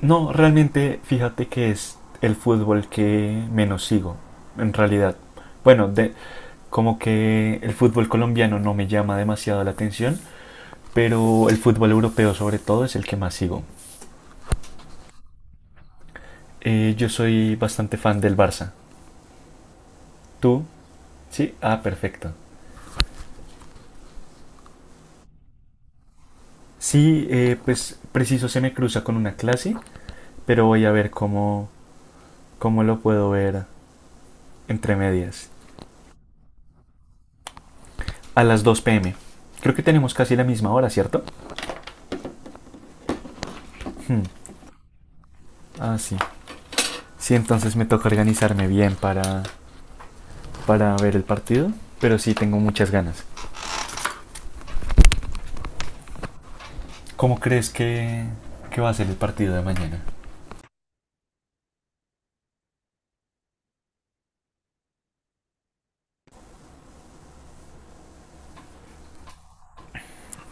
No, realmente fíjate que es el fútbol que menos sigo, en realidad. Bueno, de, como que el fútbol colombiano no me llama demasiado la atención, pero el fútbol europeo sobre todo es el que más sigo. Yo soy bastante fan del Barça. ¿Tú? Sí, ah, perfecto. Sí, pues preciso se me cruza con una clase, pero voy a ver cómo lo puedo ver entre medias. A las 2 pm. Creo que tenemos casi la misma hora, ¿cierto? Hmm, Ah, sí. Sí, entonces me toca organizarme bien para ver el partido, pero sí tengo muchas ganas. ¿Cómo que va a ser el partido de mañana?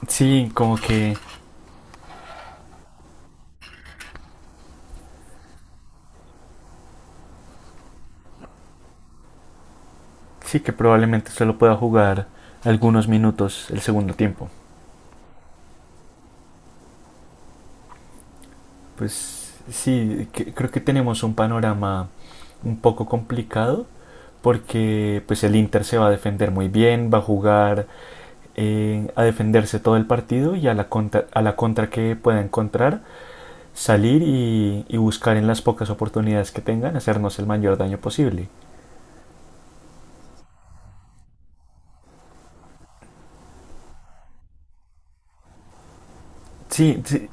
Sí, como que sí que probablemente solo pueda jugar algunos minutos el segundo tiempo. Pues sí, creo que tenemos un panorama un poco complicado porque pues el Inter se va a defender muy bien, va a jugar a defenderse todo el partido y a la contra que pueda encontrar salir y buscar en las pocas oportunidades que tengan hacernos el mayor daño posible. Sí.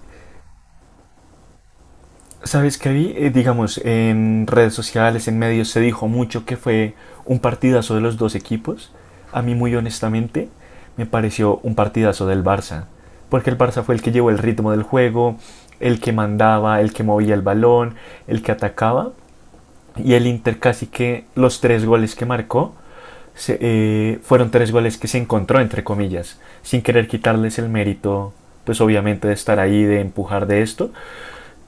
¿Sabes qué vi? Digamos, en redes sociales, en medios se dijo mucho que fue un partidazo de los dos equipos. A mí muy honestamente me pareció un partidazo del Barça, porque el Barça fue el que llevó el ritmo del juego, el que mandaba, el que movía el balón, el que atacaba. Y el Inter casi que los tres goles que marcó fueron tres goles que se encontró, entre comillas, sin querer quitarles el mérito, pues obviamente de estar ahí, de empujar de esto,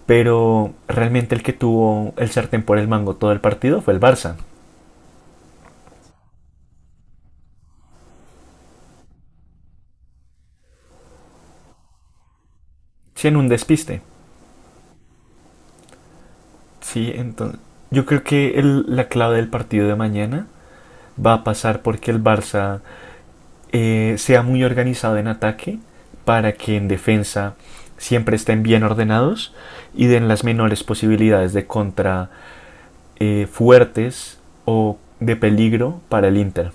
pero realmente el que tuvo el sartén por el mango todo el partido fue el Barça, sí en un despiste. Sí, entonces yo creo que la clave del partido de mañana va a pasar porque el Barça sea muy organizado en ataque para que en defensa siempre estén bien ordenados y den las menores posibilidades de contra fuertes o de peligro para el Inter.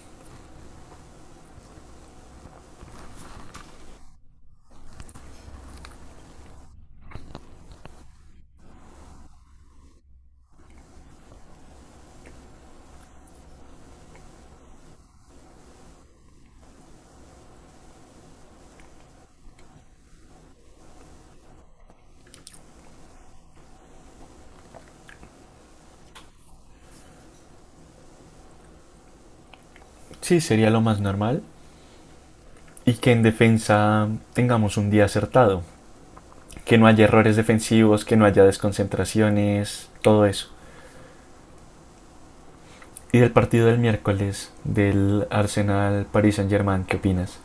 Sí, sería lo más normal. Y que en defensa tengamos un día acertado. Que no haya errores defensivos, que no haya desconcentraciones, todo eso. Y del partido del miércoles del Arsenal Paris Saint Germain, ¿qué opinas?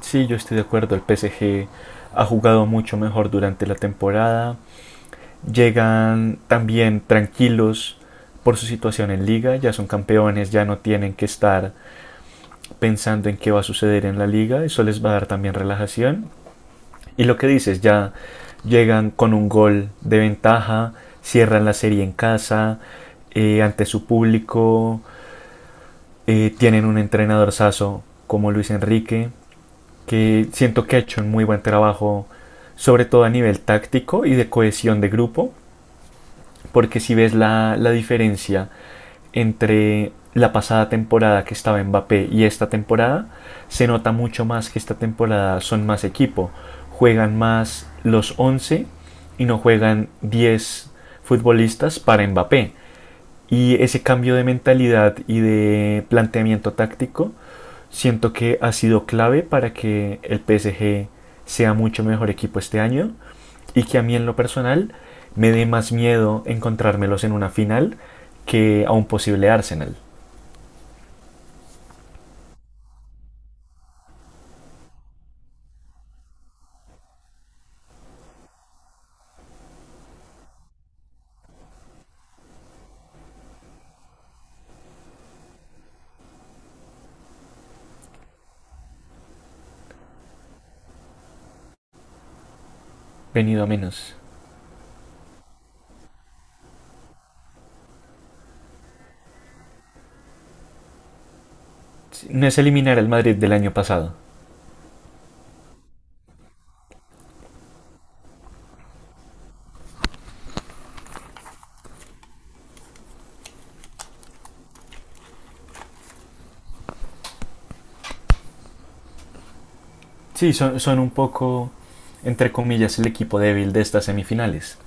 Sí, yo estoy de acuerdo. El PSG ha jugado mucho mejor durante la temporada. Llegan también tranquilos por su situación en liga. Ya son campeones, ya no tienen que estar pensando en qué va a suceder en la liga. Eso les va a dar también relajación. Y lo que dices, ya llegan con un gol de ventaja, cierran la serie en casa, ante su público, tienen un entrenador como Luis Enrique, que siento que ha hecho un muy buen trabajo, sobre todo a nivel táctico y de cohesión de grupo, porque si ves la diferencia entre la pasada temporada que estaba Mbappé y esta temporada, se nota mucho más que esta temporada son más equipo, juegan más los 11 y no juegan 10 futbolistas para Mbappé. Y ese cambio de mentalidad y de planteamiento táctico siento que ha sido clave para que el PSG sea mucho mejor equipo este año y que a mí en lo personal me dé más miedo encontrármelos en una final que a un posible Arsenal, venido a menos. Sí, no es eliminar al Madrid del año pasado. Sí, son son un poco, entre comillas, el equipo débil de estas semifinales.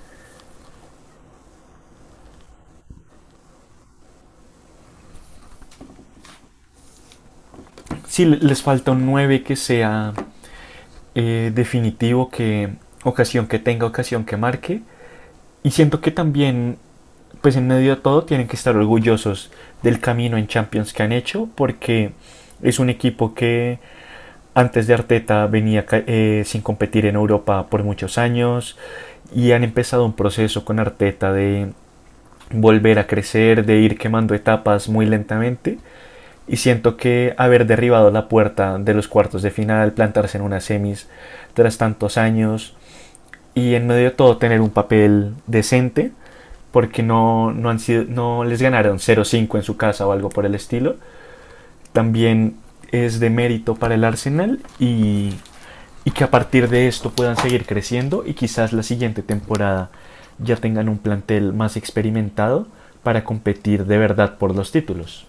Sí, les falta un 9 que sea definitivo, que ocasión que tenga, ocasión que marque. Y siento que también, pues en medio de todo, tienen que estar orgullosos del camino en Champions que han hecho, porque es un equipo que antes de Arteta venía sin competir en Europa por muchos años, y han empezado un proceso con Arteta de volver a crecer, de ir quemando etapas muy lentamente. Y siento que haber derribado la puerta de los cuartos de final, plantarse en unas semis tras tantos años y en medio de todo tener un papel decente, porque no han sido, no les ganaron 0-5 en su casa o algo por el estilo. También es de mérito para el Arsenal, y que a partir de esto puedan seguir creciendo y quizás la siguiente temporada ya tengan un plantel más experimentado para competir de verdad por los títulos.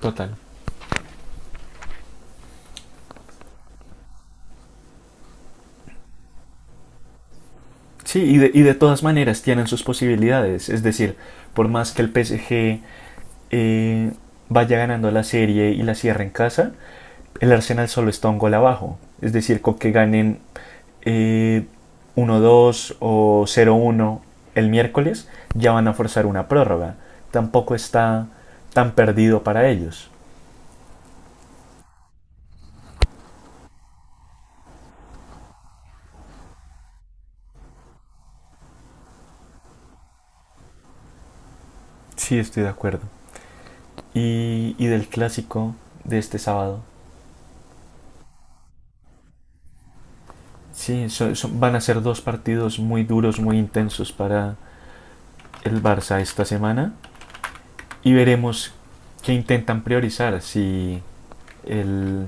Total. Sí, y de todas maneras tienen sus posibilidades. Es decir, por más que el PSG eh, vaya ganando la serie y la cierre en casa, el Arsenal solo está un gol abajo. Es decir, con que ganen eh, 1-2 o 0-1 el miércoles, ya van a forzar una prórroga. Tampoco está tan perdido para ellos. Sí, estoy de acuerdo. Y del clásico de este sábado. Sí, van a ser dos partidos muy duros, muy intensos para el Barça esta semana, y veremos qué intentan priorizar, si el,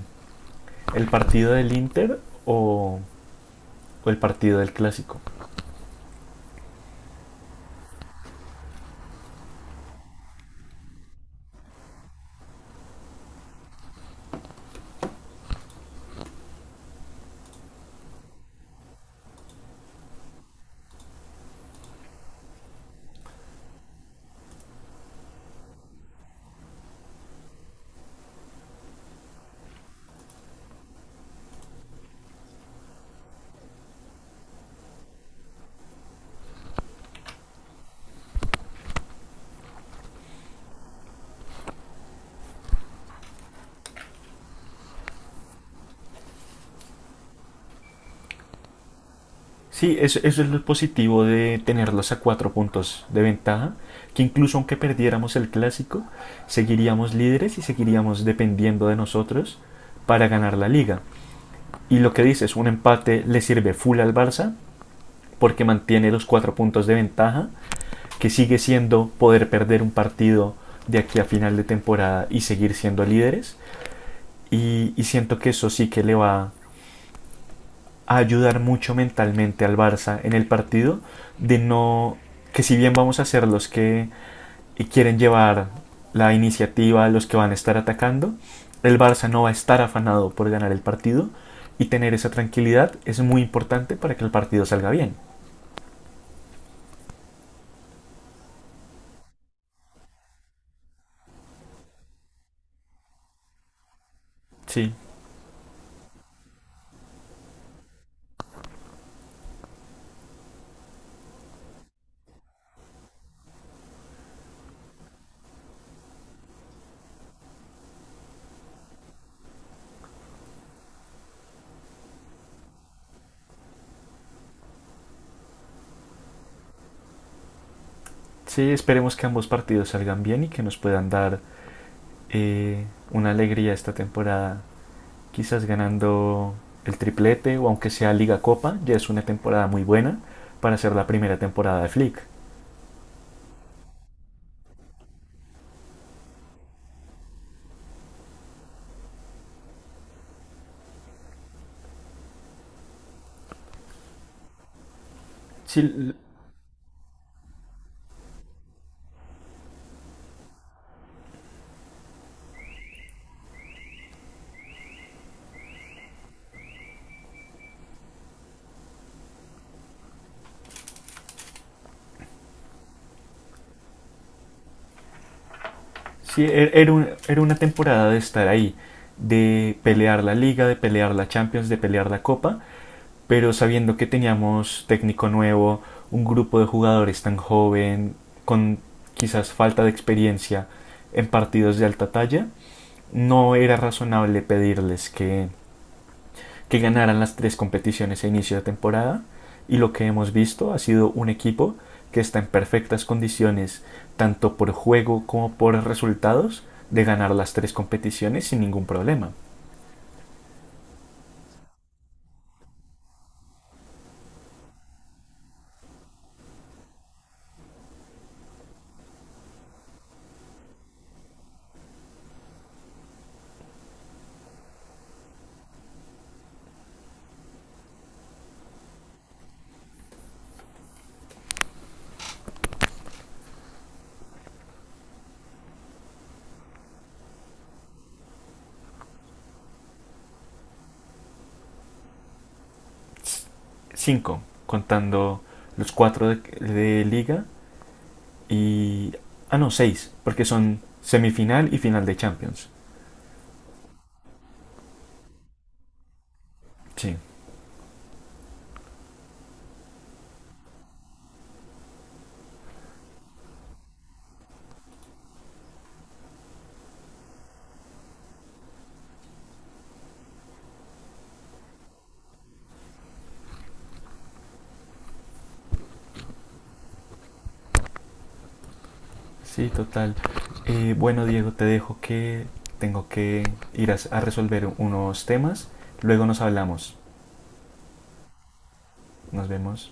el partido del Inter o, o el partido del Clásico. Sí, eso es lo positivo de tenerlos a cuatro puntos de ventaja, que incluso aunque perdiéramos el Clásico, seguiríamos líderes y seguiríamos dependiendo de nosotros para ganar la liga. Y lo que dices, un empate le sirve full al Barça porque mantiene los cuatro puntos de ventaja, que sigue siendo poder perder un partido de aquí a final de temporada y seguir siendo líderes. Y siento que eso sí que le va a ayudar mucho mentalmente al Barça en el partido, de no que si bien vamos a ser los que quieren llevar la iniciativa, los que van a estar atacando, el Barça no va a estar afanado por ganar el partido, y tener esa tranquilidad es muy importante para que el partido salga bien. Sí. Sí, esperemos que ambos partidos salgan bien y que nos puedan dar una alegría esta temporada. Quizás ganando el triplete o aunque sea Liga Copa, ya es una temporada muy buena para ser la primera temporada de Flick. Sí, era una temporada de estar ahí, de pelear la Liga, de pelear la Champions, de pelear la Copa, pero sabiendo que teníamos técnico nuevo, un grupo de jugadores tan joven, con quizás falta de experiencia en partidos de alta talla, no era razonable pedirles que ganaran las tres competiciones a inicio de temporada, y lo que hemos visto ha sido un equipo que está en perfectas condiciones tanto por juego como por resultados de ganar las tres competiciones sin ningún problema. Cinco contando los cuatro de liga y... Ah, no, 6 porque son semifinal y final de Champions. Sí. Sí, total. Bueno, Diego, te dejo que tengo que ir a resolver unos temas. Luego nos hablamos. Nos vemos.